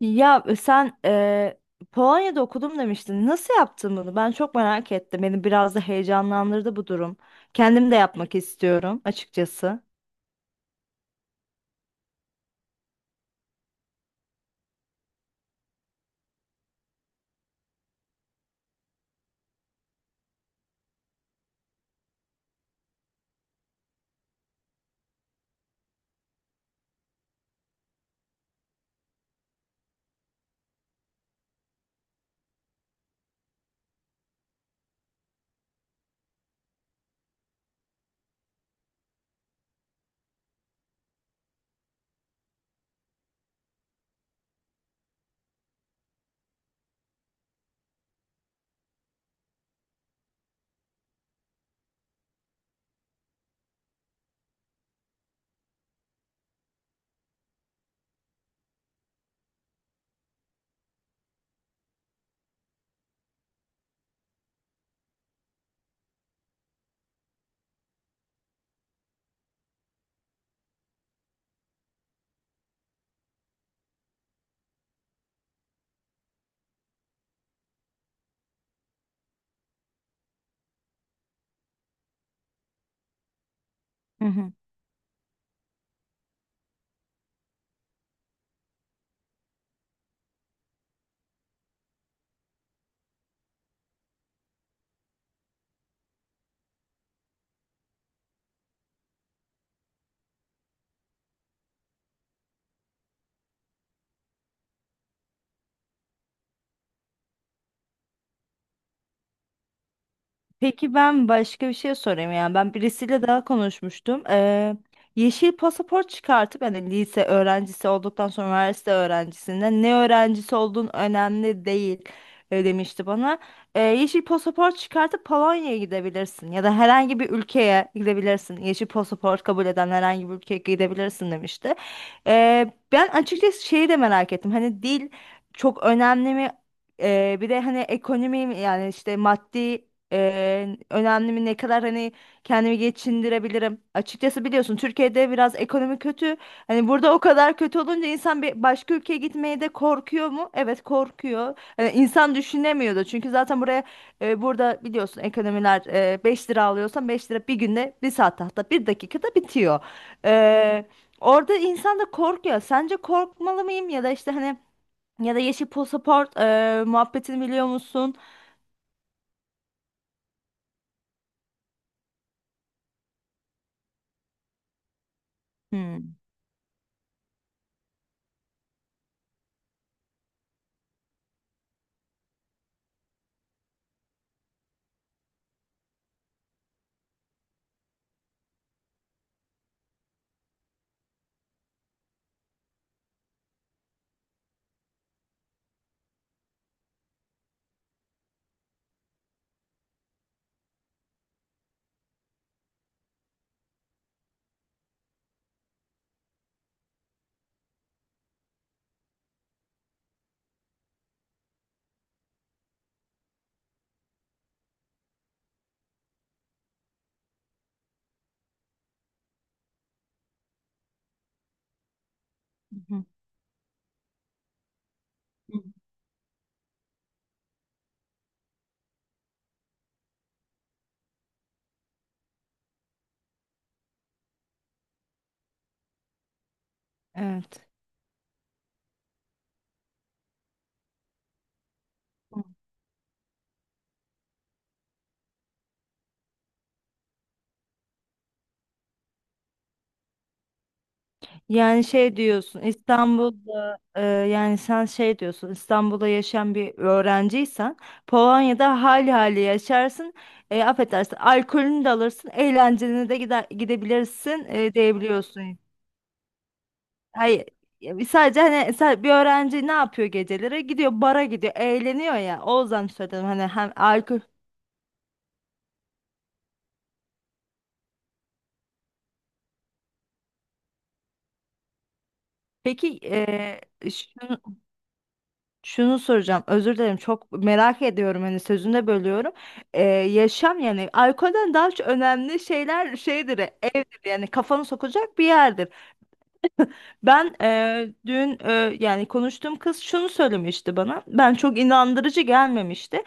Sen Polonya'da okudum demiştin. Nasıl yaptın bunu? Ben çok merak ettim. Beni biraz da heyecanlandırdı bu durum. Kendim de yapmak istiyorum açıkçası. Peki ben başka bir şey sorayım, yani ben birisiyle daha konuşmuştum. Yeşil pasaport çıkartıp yani lise öğrencisi olduktan sonra üniversite öğrencisinden ne öğrencisi olduğun önemli değil, demişti bana. Yeşil pasaport çıkartıp Polonya'ya gidebilirsin ya da herhangi bir ülkeye gidebilirsin. Yeşil pasaport kabul eden herhangi bir ülkeye gidebilirsin demişti. Ben açıkçası şeyi de merak ettim, hani dil çok önemli mi? Bir de hani ekonomi mi? Yani işte maddi önemli mi, ne kadar hani kendimi geçindirebilirim. Açıkçası biliyorsun Türkiye'de biraz ekonomi kötü. Hani burada o kadar kötü olunca insan bir başka ülkeye gitmeye de korkuyor mu? Evet korkuyor. Hani insan düşünemiyordu. Çünkü zaten buraya burada biliyorsun ekonomiler, 5 lira alıyorsan 5 lira bir günde, bir saatte, hatta bir dakikada bitiyor. Ee, Orada insan da korkuyor. Sence korkmalı mıyım, ya da işte hani ya da yeşil pasaport muhabbetini biliyor musun? Hmm. Hı hı. Evet. Yani şey diyorsun, İstanbul'da, yani sen şey diyorsun, İstanbul'da yaşayan bir öğrenciysen Polonya'da hali yaşarsın. Affedersin, alkolünü de alırsın, eğlencene de gidebilirsin, diyebiliyorsun. Hayır, ya sadece hani bir öğrenci ne yapıyor, geceleri gidiyor bara, gidiyor eğleniyor, ya o yüzden söyledim hani hem alkol. Peki şunu soracağım. Özür dilerim. Çok merak ediyorum. Hani sözünde bölüyorum. Yaşam yani alkolden daha çok önemli şeyler şeydir. Evdir yani, kafanı sokacak bir yerdir. Ben dün yani konuştuğum kız şunu söylemişti bana. Ben çok inandırıcı gelmemişti.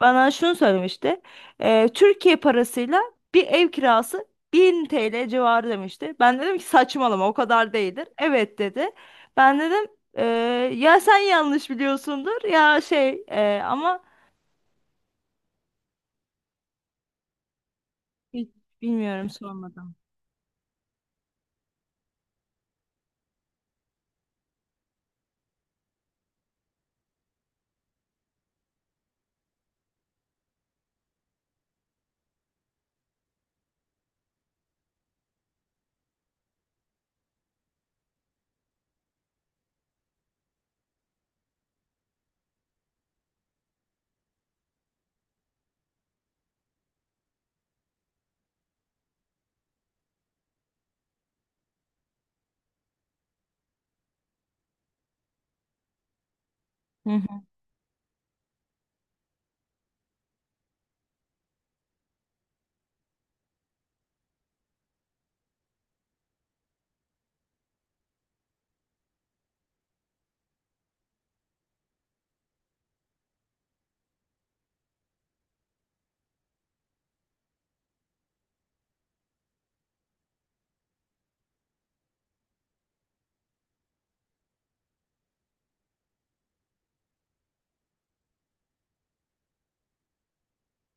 Bana şunu söylemişti. Türkiye parasıyla bir ev kirası 1000 TL civarı demişti. Ben dedim ki saçmalama, o kadar değildir. Evet dedi. Ben dedim, "Eee, ya sen yanlış biliyorsundur ya şey ama hiç bilmiyorum, sormadım. Hı hı.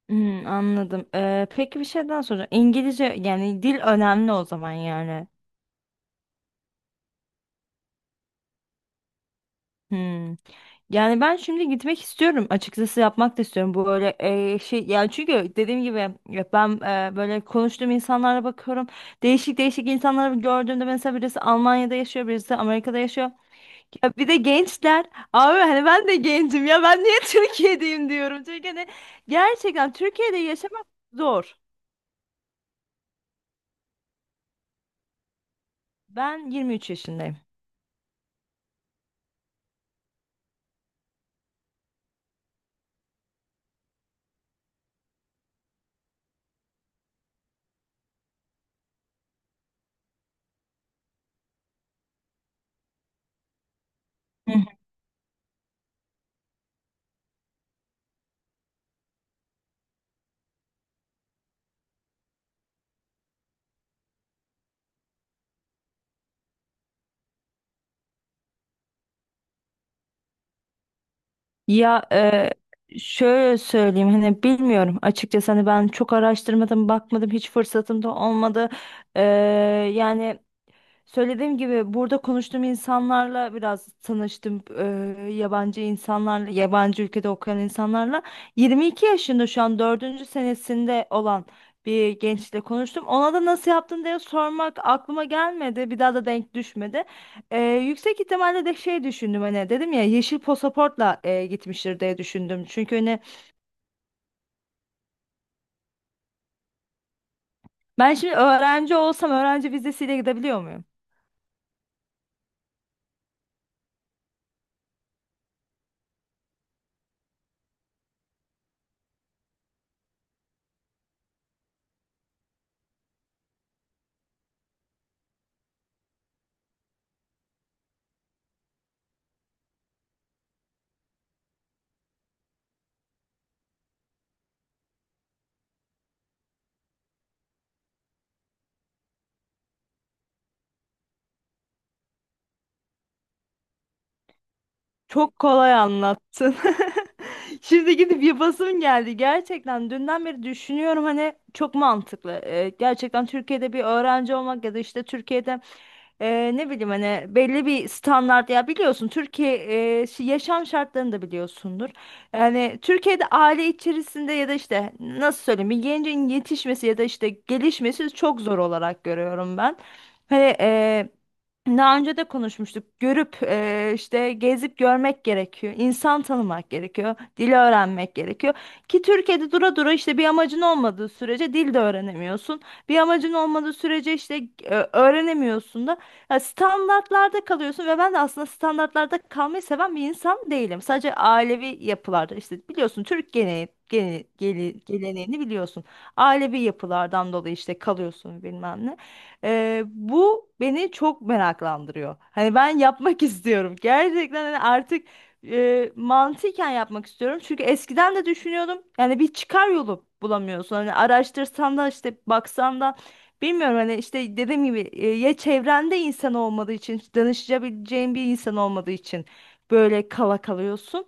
Hmm, anladım. Peki bir şey daha soracağım. İngilizce yani dil önemli o zaman, yani. Hmm. Yani ben şimdi gitmek istiyorum. Açıkçası yapmak da istiyorum. Bu böyle şey, yani çünkü dediğim gibi ya ben böyle konuştuğum insanlara bakıyorum. Değişik değişik insanları gördüğümde mesela birisi Almanya'da yaşıyor, birisi Amerika'da yaşıyor. Ya bir de gençler. Abi hani ben de gencim ya, ben niye Türkiye'deyim diyorum. Çünkü hani gerçekten Türkiye'de yaşamak zor. Ben 23 yaşındayım. Şöyle söyleyeyim, hani bilmiyorum açıkçası, hani ben çok araştırmadım, bakmadım, hiç fırsatım da olmadı. E, Yani söylediğim gibi burada konuştuğum insanlarla biraz tanıştım. Yabancı insanlarla, yabancı ülkede okuyan insanlarla. 22 yaşında şu an dördüncü senesinde olan bir gençle konuştum. Ona da nasıl yaptın diye sormak aklıma gelmedi. Bir daha da denk düşmedi. Yüksek ihtimalle de şey düşündüm, hani dedim ya yeşil pasaportla gitmiştir diye düşündüm. Çünkü hani ben şimdi öğrenci olsam öğrenci vizesiyle gidebiliyor. Çok kolay anlattın. Şimdi gidip yapasım geldi. Gerçekten dünden beri düşünüyorum, hani çok mantıklı. Gerçekten Türkiye'de bir öğrenci olmak ya da işte Türkiye'de, ne bileyim hani belli bir standart ya, biliyorsun Türkiye yaşam şartlarını da biliyorsundur. Yani Türkiye'de aile içerisinde ya da işte nasıl söyleyeyim bir gencin yetişmesi ya da işte gelişmesi çok zor olarak görüyorum ben. Hani e, daha önce de konuşmuştuk. Görüp işte gezip görmek gerekiyor. İnsan tanımak gerekiyor. Dili öğrenmek gerekiyor. Ki Türkiye'de dura dura işte bir amacın olmadığı sürece dil de öğrenemiyorsun. Bir amacın olmadığı sürece işte öğrenemiyorsun da, ya standartlarda kalıyorsun ve ben de aslında standartlarda kalmayı seven bir insan değilim. Sadece ailevi yapılarda işte biliyorsun Türk geleneği, geleneğini biliyorsun. Ailevi yapılardan dolayı işte kalıyorsun bilmem ne. Bu beni çok meraklandırıyor. Hani ben yapmak istiyorum. Gerçekten hani artık mantıken yapmak istiyorum. Çünkü eskiden de düşünüyordum. Yani bir çıkar yolu bulamıyorsun. Hani araştırsan da işte baksan da bilmiyorum, hani işte dediğim gibi ya çevrende insan olmadığı için, danışabileceğin bir insan olmadığı için böyle kala kalıyorsun.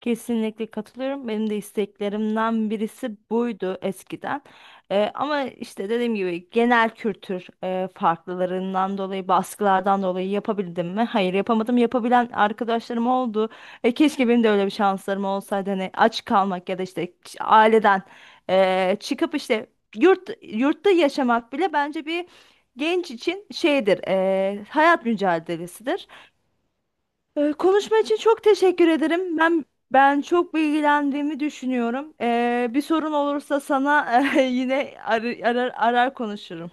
Kesinlikle katılıyorum. Benim de isteklerimden birisi buydu eskiden. Ama işte dediğim gibi genel kültür farklılarından dolayı, baskılardan dolayı yapabildim mi? Hayır, yapamadım. Yapabilen arkadaşlarım oldu. Keşke benim de öyle bir şanslarım olsaydı. Hani aç kalmak ya da işte aileden çıkıp işte yurtta yaşamak bile bence bir genç için şeydir, hayat mücadelesidir. Konuşma için çok teşekkür ederim. Ben çok bilgilendiğimi düşünüyorum. Bir sorun olursa sana yine arar konuşurum.